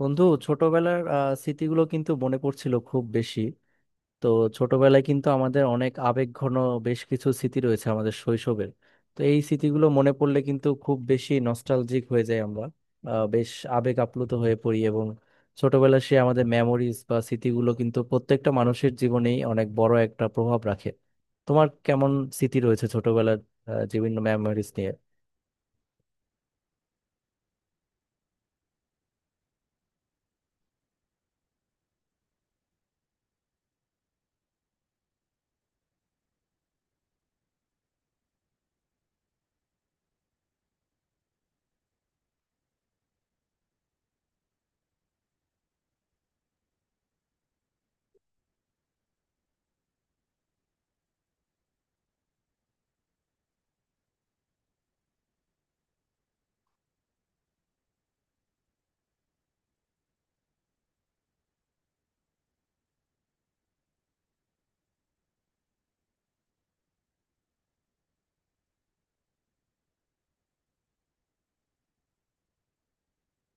বন্ধু ছোটবেলার স্মৃতিগুলো কিন্তু মনে পড়ছিল খুব বেশি। তো ছোটবেলায় কিন্তু আমাদের অনেক আবেগঘন বেশ কিছু স্মৃতি রয়েছে আমাদের শৈশবের। তো এই স্মৃতিগুলো মনে পড়লে কিন্তু খুব বেশি নস্টালজিক হয়ে যাই আমরা, বেশ আবেগ আপ্লুত হয়ে পড়ি এবং ছোটবেলার সেই আমাদের মেমোরিজ বা স্মৃতিগুলো কিন্তু প্রত্যেকটা মানুষের জীবনেই অনেক বড় একটা প্রভাব রাখে। তোমার কেমন স্মৃতি রয়েছে ছোটবেলার, বিভিন্ন মেমোরিজ নিয়ে?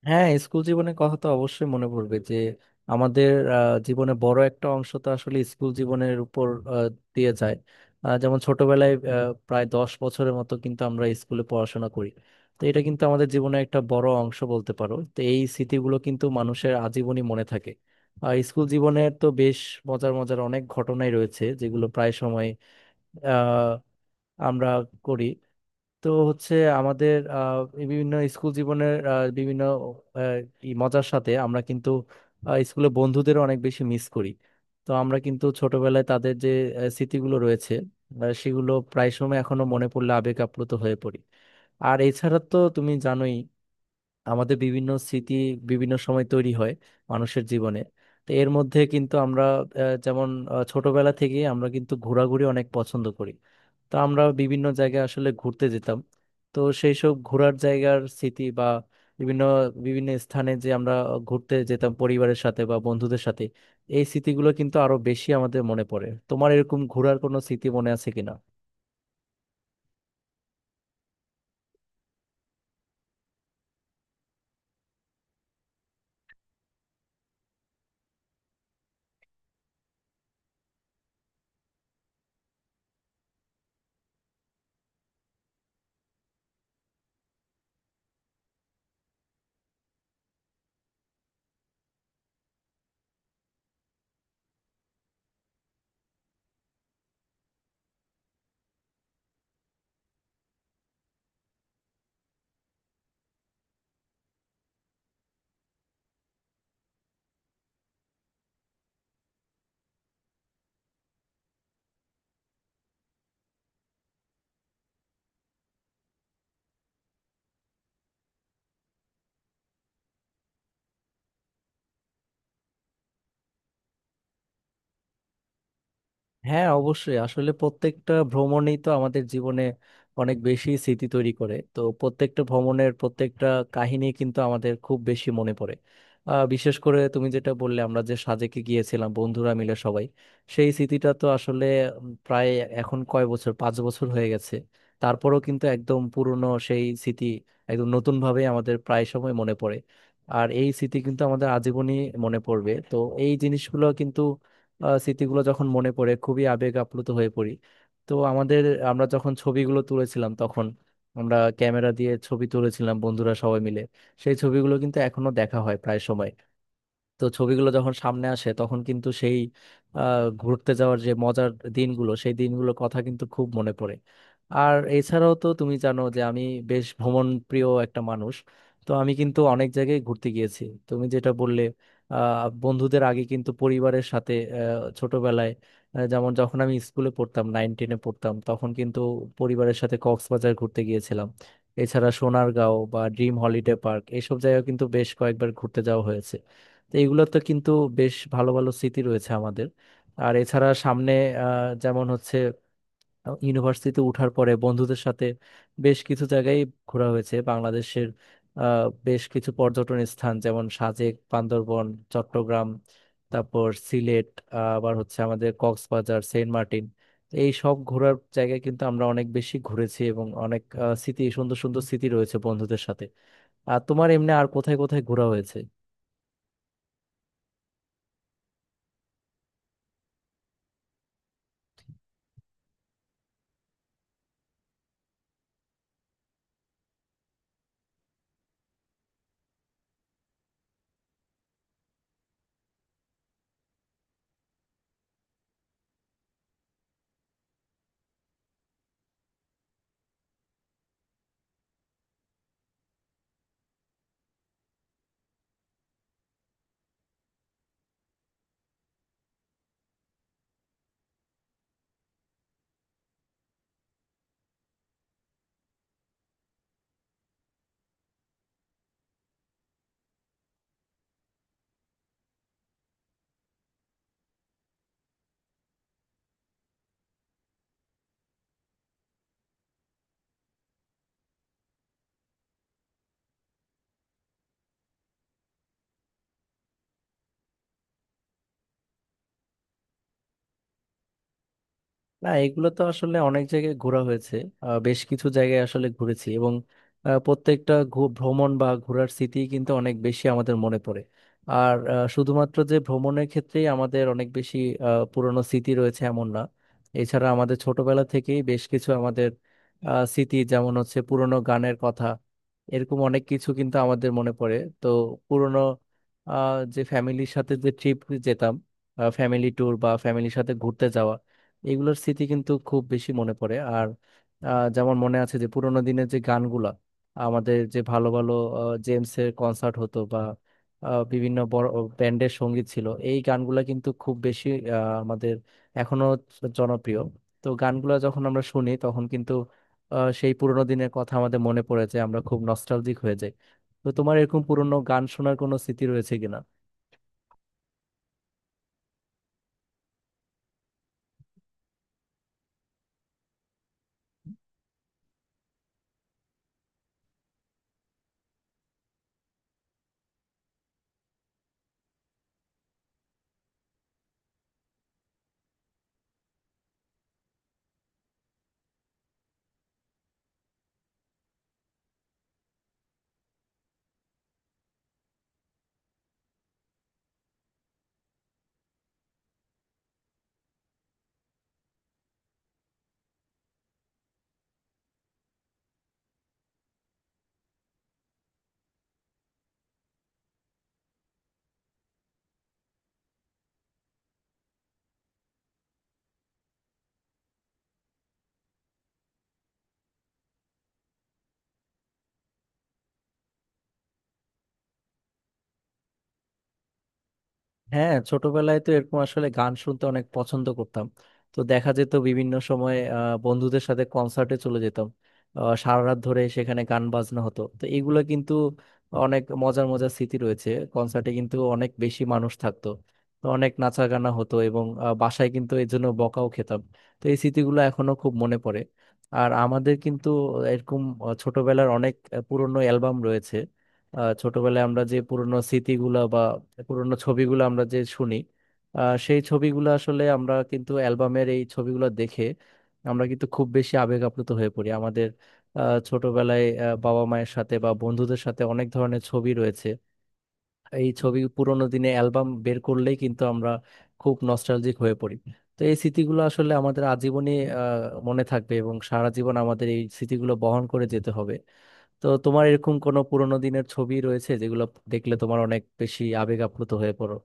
হ্যাঁ, স্কুল জীবনের কথা তো অবশ্যই মনে পড়বে। যে আমাদের জীবনে বড় একটা অংশ তো আসলে স্কুল জীবনের উপর আহ, দিয়ে যায়। যেমন ছোটবেলায় প্রায় 10 বছরের মতো কিন্তু আমরা স্কুলে পড়াশোনা করি। তো এটা কিন্তু আমাদের জীবনে একটা বড় অংশ বলতে পারো। তো এই স্মৃতিগুলো কিন্তু মানুষের আজীবনই মনে থাকে। আর স্কুল জীবনের তো বেশ মজার মজার অনেক ঘটনাই রয়েছে যেগুলো প্রায় সময় আহ আমরা করি। তো হচ্ছে আমাদের এই বিভিন্ন স্কুল জীবনের বিভিন্ন আহ, ই মজার সাথে আমরা কিন্তু স্কুলে বন্ধুদের অনেক বেশি মিস করি। তো আমরা কিন্তু ছোটবেলায় তাদের যে স্মৃতিগুলো রয়েছে সেগুলো প্রায় সময় এখনো মনে পড়লে আবেগ আপ্লুত হয়ে পড়ি। আর এছাড়া তো তুমি জানোই আমাদের বিভিন্ন স্মৃতি বিভিন্ন সময় তৈরি হয় মানুষের জীবনে। তো এর মধ্যে কিন্তু আমরা যেমন ছোটবেলা থেকেই আমরা কিন্তু ঘোরাঘুরি অনেক পছন্দ করি। তো আমরা বিভিন্ন জায়গায় আসলে ঘুরতে যেতাম। তো সেই সব ঘোরার জায়গার স্মৃতি বা বিভিন্ন বিভিন্ন স্থানে যে আমরা ঘুরতে যেতাম পরিবারের সাথে বা বন্ধুদের সাথে, এই স্মৃতিগুলো কিন্তু আরো বেশি আমাদের মনে পড়ে। তোমার এরকম ঘোরার কোনো স্মৃতি মনে আছে কিনা? হ্যাঁ, অবশ্যই, আসলে প্রত্যেকটা ভ্রমণই তো আমাদের জীবনে অনেক বেশি স্মৃতি তৈরি করে। তো প্রত্যেকটা ভ্রমণের প্রত্যেকটা কাহিনী কিন্তু আমাদের খুব বেশি মনে পড়ে। বিশেষ করে তুমি যেটা বললে আমরা যে সাজেকে গিয়েছিলাম বন্ধুরা মিলে সবাই, সেই স্মৃতিটা তো আসলে প্রায় এখন কয় বছর, 5 বছর হয়ে গেছে। তারপরেও কিন্তু একদম পুরনো সেই স্মৃতি একদম নতুন ভাবে আমাদের প্রায় সময় মনে পড়ে। আর এই স্মৃতি কিন্তু আমাদের আজীবনই মনে পড়বে। তো এই জিনিসগুলো কিন্তু, স্মৃতিগুলো যখন মনে পড়ে খুবই আবেগ আপ্লুত হয়ে পড়ি। তো আমাদের আমরা যখন ছবিগুলো তুলেছিলাম তখন আমরা ক্যামেরা দিয়ে ছবি তুলেছিলাম বন্ধুরা সবাই মিলে, সেই ছবিগুলো কিন্তু এখনো দেখা হয় প্রায় সময়। তো ছবিগুলো যখন সামনে আসে তখন কিন্তু সেই ঘুরতে যাওয়ার যে মজার দিনগুলো, সেই দিনগুলোর কথা কিন্তু খুব মনে পড়ে। আর এছাড়াও তো তুমি জানো যে আমি বেশ ভ্রমণ প্রিয় একটা মানুষ। তো আমি কিন্তু অনেক জায়গায় ঘুরতে গিয়েছি। তুমি যেটা বললে, বন্ধুদের আগে কিন্তু পরিবারের সাথে ছোটবেলায় যেমন যখন আমি স্কুলে পড়তাম, নাইন টেনে পড়তাম তখন কিন্তু পরিবারের সাথে কক্সবাজার ঘুরতে গিয়েছিলাম। এছাড়া সোনারগাঁও বা ড্রিম হলিডে পার্ক এইসব জায়গায় কিন্তু বেশ কয়েকবার ঘুরতে যাওয়া হয়েছে। তো এগুলোতে কিন্তু বেশ ভালো ভালো স্মৃতি রয়েছে আমাদের। আর এছাড়া সামনে যেমন হচ্ছে ইউনিভার্সিটিতে ওঠার পরে বন্ধুদের সাথে বেশ কিছু জায়গায় ঘোরা হয়েছে বাংলাদেশের। বেশ কিছু পর্যটন স্থান যেমন সাজেক, বান্দরবন, চট্টগ্রাম, তারপর সিলেট, আবার হচ্ছে আমাদের কক্সবাজার, সেন্ট মার্টিন। তো এই সব ঘোরার জায়গায় কিন্তু আমরা অনেক বেশি ঘুরেছি এবং অনেক স্মৃতি, সুন্দর সুন্দর স্মৃতি রয়েছে বন্ধুদের সাথে। আর তোমার এমনি আর কোথায় কোথায় ঘোরা হয়েছে? না, এগুলো তো আসলে অনেক জায়গায় ঘোরা হয়েছে। বেশ কিছু জায়গায় আসলে ঘুরেছি এবং প্রত্যেকটা ভ্রমণ বা ঘোরার স্মৃতি কিন্তু অনেক বেশি আমাদের মনে পড়ে। আর শুধুমাত্র যে ভ্রমণের ক্ষেত্রেই আমাদের অনেক বেশি পুরনো স্মৃতি রয়েছে এমন না। এছাড়া আমাদের ছোটবেলা থেকেই বেশ কিছু আমাদের স্মৃতি, যেমন হচ্ছে পুরনো গানের কথা, এরকম অনেক কিছু কিন্তু আমাদের মনে পড়ে। তো পুরনো যে ফ্যামিলির সাথে যে ট্রিপ যেতাম, ফ্যামিলি ট্যুর বা ফ্যামিলির সাথে ঘুরতে যাওয়া, এগুলোর স্মৃতি কিন্তু খুব বেশি মনে পড়ে। আর যেমন মনে আছে যে পুরোনো দিনের যে গানগুলা, আমাদের যে ভালো ভালো জেমসের কনসার্ট হতো বা বিভিন্ন বড় ব্যান্ডের সঙ্গীত ছিল, এই গানগুলা কিন্তু খুব বেশি আমাদের এখনো জনপ্রিয়। তো গানগুলা যখন আমরা শুনি তখন কিন্তু সেই পুরোনো দিনের কথা আমাদের মনে পড়ে যায়, আমরা খুব নস্টালজিক হয়ে যাই। তো তোমার এরকম পুরোনো গান শোনার কোনো স্মৃতি রয়েছে কিনা? হ্যাঁ, ছোটবেলায় তো এরকম আসলে গান শুনতে অনেক পছন্দ করতাম। তো দেখা যেত বিভিন্ন সময় বন্ধুদের সাথে কনসার্টে চলে যেতাম। সারা রাত ধরে সেখানে গান বাজনা হতো। তো এগুলো কিন্তু অনেক মজার মজার স্মৃতি রয়েছে। কনসার্টে কিন্তু অনেক বেশি মানুষ থাকতো। তো অনেক নাচা গানা হতো এবং বাসায় কিন্তু এর জন্য বকাও খেতাম। তো এই স্মৃতিগুলো এখনো খুব মনে পড়ে। আর আমাদের কিন্তু এরকম ছোটবেলার অনেক পুরনো অ্যালবাম রয়েছে। ছোটবেলায় আমরা যে পুরনো স্মৃতিগুলা বা পুরনো ছবিগুলো আমরা যে শুনি, সেই ছবিগুলো আসলে আমরা কিন্তু অ্যালবামের এই ছবিগুলো দেখে আমরা কিন্তু খুব বেশি আবেগ আপ্লুত হয়ে পড়ি। আমাদের ছোটবেলায় বাবা মায়ের সাথে বা বন্ধুদের সাথে অনেক ধরনের ছবি রয়েছে। এই ছবি, পুরোনো দিনে অ্যালবাম বের করলেই কিন্তু আমরা খুব নস্টালজিক হয়ে পড়ি। তো এই স্মৃতিগুলো আসলে আমাদের আজীবনই মনে থাকবে এবং সারা জীবন আমাদের এই স্মৃতিগুলো বহন করে যেতে হবে। তো তোমার এরকম কোনো পুরোনো দিনের ছবি রয়েছে যেগুলো দেখলে তোমার অনেক বেশি আবেগ আপ্লুত হয়ে পড়ো?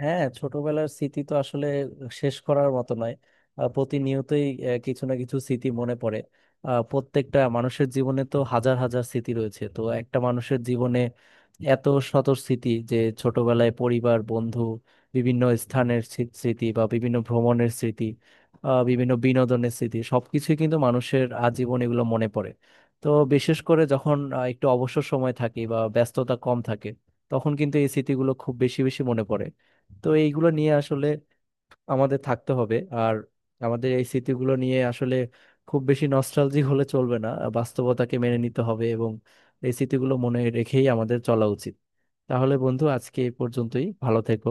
হ্যাঁ, ছোটবেলার স্মৃতি তো আসলে শেষ করার মতো নয়। প্রতিনিয়তই কিছু না কিছু স্মৃতি মনে পড়ে। প্রত্যেকটা মানুষের জীবনে তো হাজার হাজার স্মৃতি রয়েছে। তো একটা মানুষের জীবনে এত শত স্মৃতি যে ছোটবেলায় পরিবার, বন্ধু, বিভিন্ন স্থানের স্মৃতি বা বিভিন্ন ভ্রমণের স্মৃতি, বিভিন্ন বিনোদনের স্মৃতি, সবকিছুই কিন্তু মানুষের আজীবন এগুলো মনে পড়ে। তো বিশেষ করে যখন একটু অবসর সময় থাকে বা ব্যস্ততা কম থাকে, তখন কিন্তু এই স্মৃতিগুলো খুব বেশি বেশি মনে পড়ে। তো এইগুলো নিয়ে আসলে আমাদের থাকতে হবে। আর আমাদের এই স্মৃতিগুলো নিয়ে আসলে খুব বেশি নস্টালজিক হলে চলবে না, বাস্তবতাকে মেনে নিতে হবে এবং এই স্মৃতিগুলো মনে রেখেই আমাদের চলা উচিত। তাহলে বন্ধু, আজকে এই পর্যন্তই, ভালো থেকো।